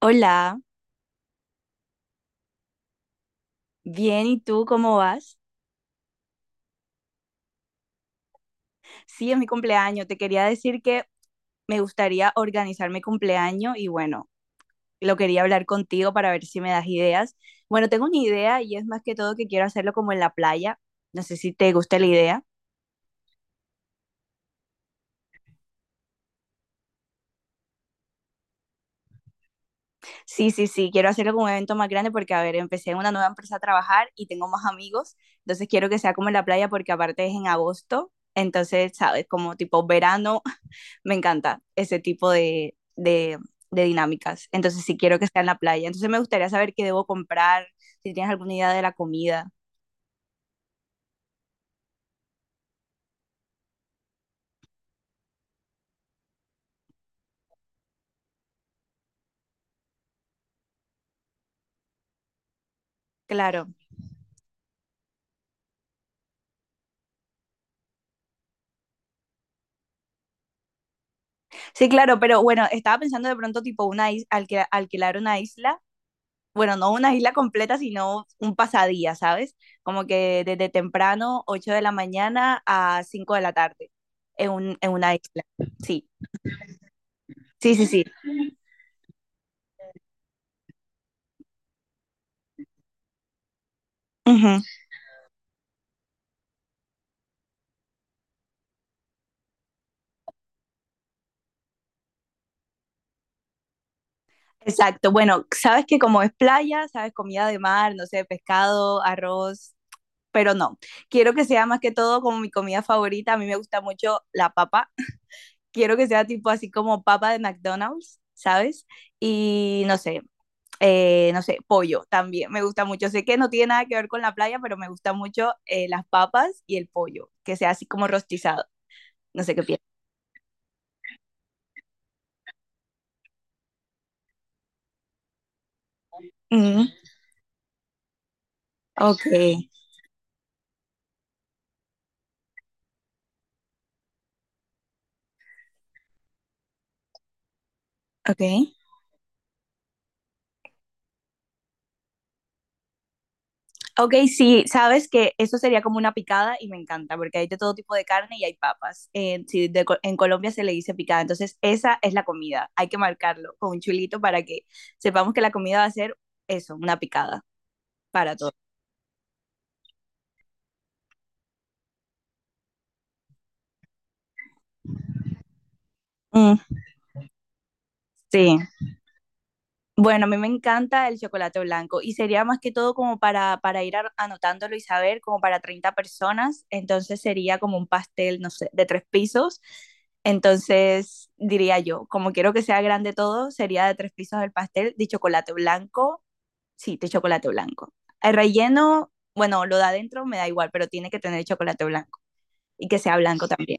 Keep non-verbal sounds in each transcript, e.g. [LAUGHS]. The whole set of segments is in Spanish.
Hola, bien, ¿y tú cómo vas? Sí, es mi cumpleaños. Te quería decir que me gustaría organizar mi cumpleaños y bueno, lo quería hablar contigo para ver si me das ideas. Bueno, tengo una idea y es más que todo que quiero hacerlo como en la playa. No sé si te gusta la idea. Sí, sí, sí, quiero hacerlo como un evento más grande porque, a ver, empecé en una nueva empresa a trabajar y tengo más amigos, entonces quiero que sea como en la playa porque aparte es en agosto, entonces, ¿sabes? Como tipo verano, me encanta ese tipo de dinámicas. Entonces, si sí quiero que sea en la playa, entonces me gustaría saber qué debo comprar, si tienes alguna idea de la comida. Claro, sí, claro, pero bueno, estaba pensando de pronto tipo una is alquil alquilar una isla, bueno, no una isla completa, sino un pasadía, ¿sabes? Como que desde temprano, 8 de la mañana a 5 de la tarde, en una isla. Sí, sí, sí, sí. Exacto, bueno, sabes que como es playa, sabes comida de mar, no sé, pescado, arroz, pero no, quiero que sea más que todo como mi comida favorita, a mí me gusta mucho la papa, quiero que sea tipo así como papa de McDonald's, ¿sabes? Y no sé, no sé, pollo también, me gusta mucho, sé que no tiene nada que ver con la playa, pero me gusta mucho las papas y el pollo, que sea así como rostizado, no sé qué piensas. Mm, ok, ok. Ok, sí, sabes que eso sería como una picada y me encanta porque hay de todo tipo de carne y hay papas. Sí, en Colombia se le dice picada, entonces esa es la comida. Hay que marcarlo con un chulito para que sepamos que la comida va a ser eso, una picada para todos. Mm, sí. Bueno, a mí me encanta el chocolate blanco y sería más que todo como para anotándolo y saber, como para 30 personas, entonces sería como un pastel, no sé, de 3 pisos, entonces diría yo, como quiero que sea grande todo, sería de 3 pisos el pastel de chocolate blanco, sí, de chocolate blanco. El relleno, bueno, lo da adentro me da igual, pero tiene que tener chocolate blanco y que sea blanco también.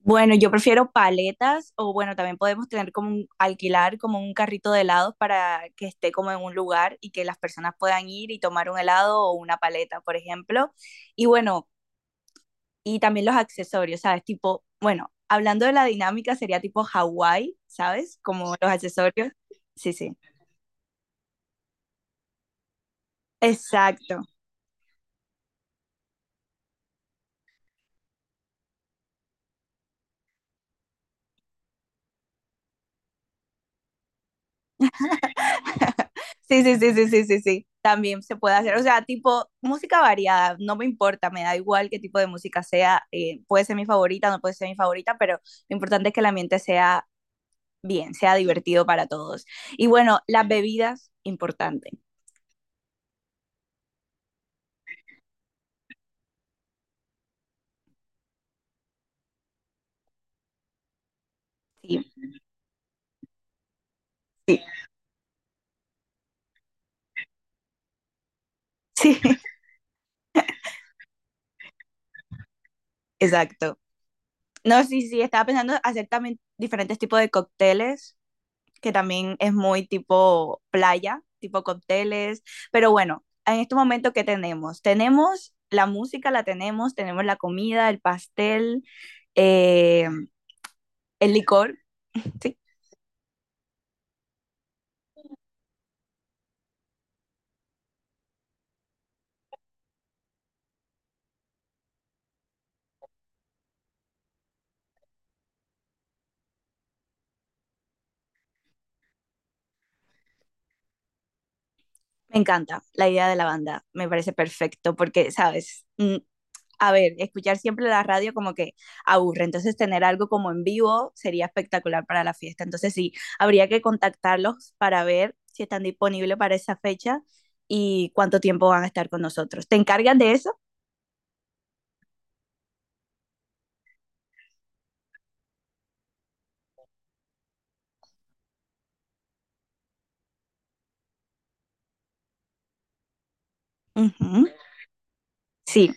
Bueno, yo prefiero paletas o bueno, también podemos tener como un, alquilar como un carrito de helados para que esté como en un lugar y que las personas puedan ir y tomar un helado o una paleta, por ejemplo. Y bueno, y también los accesorios, ¿sabes? Tipo, bueno, hablando de la dinámica sería tipo Hawái, ¿sabes? Como los accesorios. Sí, sí. Exacto. Sí, sí, sí, sí, sí, sí, sí. También se puede hacer, o sea, tipo música variada, no me importa, me da igual qué tipo de música sea, puede ser mi favorita, no puede ser mi favorita, pero lo importante es que el ambiente sea bien, sea divertido para todos. Y bueno, las bebidas, importante. Sí, sí, sí, [LAUGHS] exacto. No, sí, sí, estaba pensando hacer también diferentes tipos de cócteles que también es muy tipo playa, tipo cócteles, pero bueno, en este momento, ¿qué tenemos? Tenemos la música, la tenemos, tenemos la comida, el pastel, eh, el licor, sí, me encanta la idea de la banda, me parece perfecto porque, sabes, mm, a ver, escuchar siempre la radio como que aburre, entonces tener algo como en vivo sería espectacular para la fiesta. Entonces sí, habría que contactarlos para ver si están disponibles para esa fecha y cuánto tiempo van a estar con nosotros. ¿Te encargan de eso? Ujú. Sí,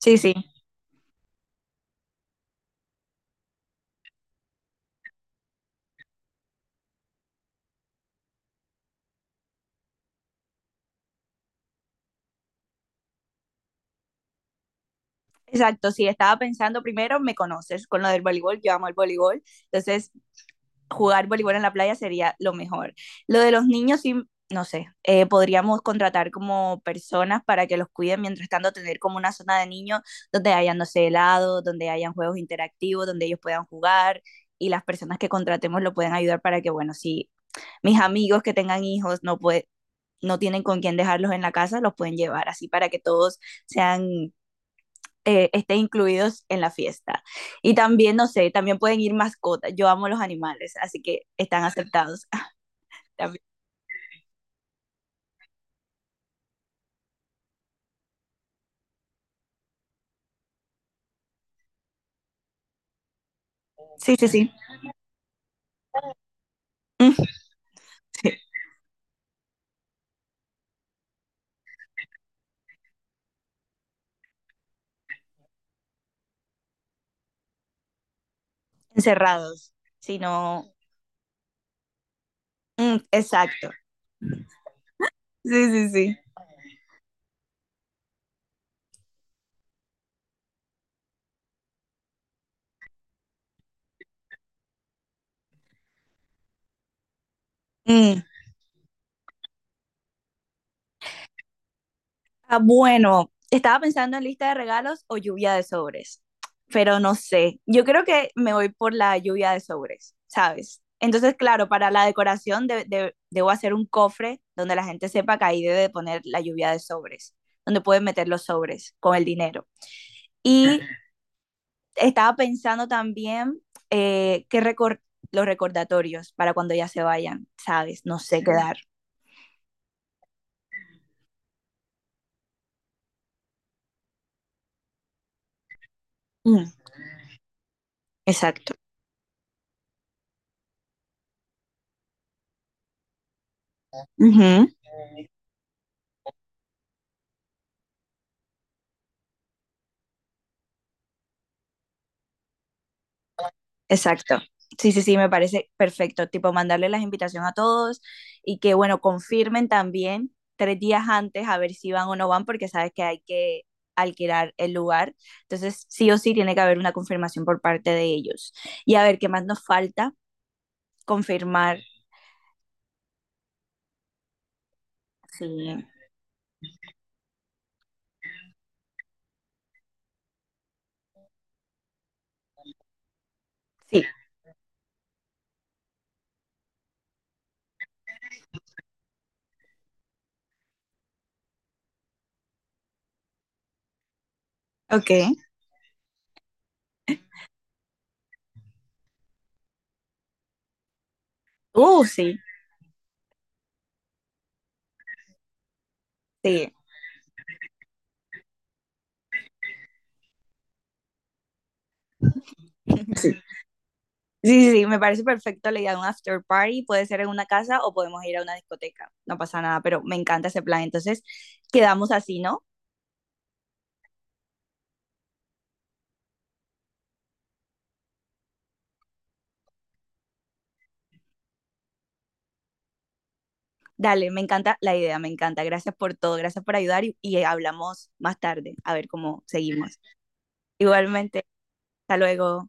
sí, sí. Exacto, sí, estaba pensando primero, me conoces con lo del voleibol, yo amo el voleibol, entonces jugar voleibol en la playa sería lo mejor. Lo de los niños, sí, no sé, podríamos contratar como personas para que los cuiden, mientras tanto tener como una zona de niños donde hayan, no sé, helado, donde hayan juegos interactivos, donde ellos puedan jugar y las personas que contratemos lo pueden ayudar para que, bueno, si mis amigos que tengan hijos no pueden no tienen con quién dejarlos en la casa, los pueden llevar así para que todos sean estén incluidos en la fiesta. Y también, no sé, también pueden ir mascotas. Yo amo los animales, así que están aceptados. [LAUGHS] Sí, sí, sí. Mm, sí. Encerrados. Si no, mm, exacto. Sí, sí, sí. Mm. Ah, bueno, estaba pensando en lista de regalos o lluvia de sobres, pero no sé. Yo creo que me voy por la lluvia de sobres, ¿sabes? Entonces, claro, para la decoración debo hacer un cofre donde la gente sepa que ahí debe de poner la lluvia de sobres, donde pueden meter los sobres con el dinero. Y estaba pensando también eh, que recor- los recordatorios para cuando ya se vayan, ¿sabes? No sé qué dar. Mm, exacto. Exacto. Sí, sí, sí, me parece perfecto. Tipo, mandarle las invitaciones a todos y que, bueno, confirmen también 3 días antes a ver si van o no van, porque sabes que hay que alquilar el lugar. Entonces, sí o sí tiene que haber una confirmación por parte de ellos. Y a ver, ¿qué más nos falta? Confirmar. Sí. Sí. Ok. Sí. Sí. [LAUGHS] Sí. Sí, sí, me parece perfecto la idea de un after party. Puede ser en una casa o podemos ir a una discoteca. No pasa nada, pero me encanta ese plan. Entonces, quedamos así, ¿no? Dale, me encanta la idea, me encanta. Gracias por todo, gracias por ayudar y hablamos más tarde, a ver cómo seguimos. Igualmente, hasta luego.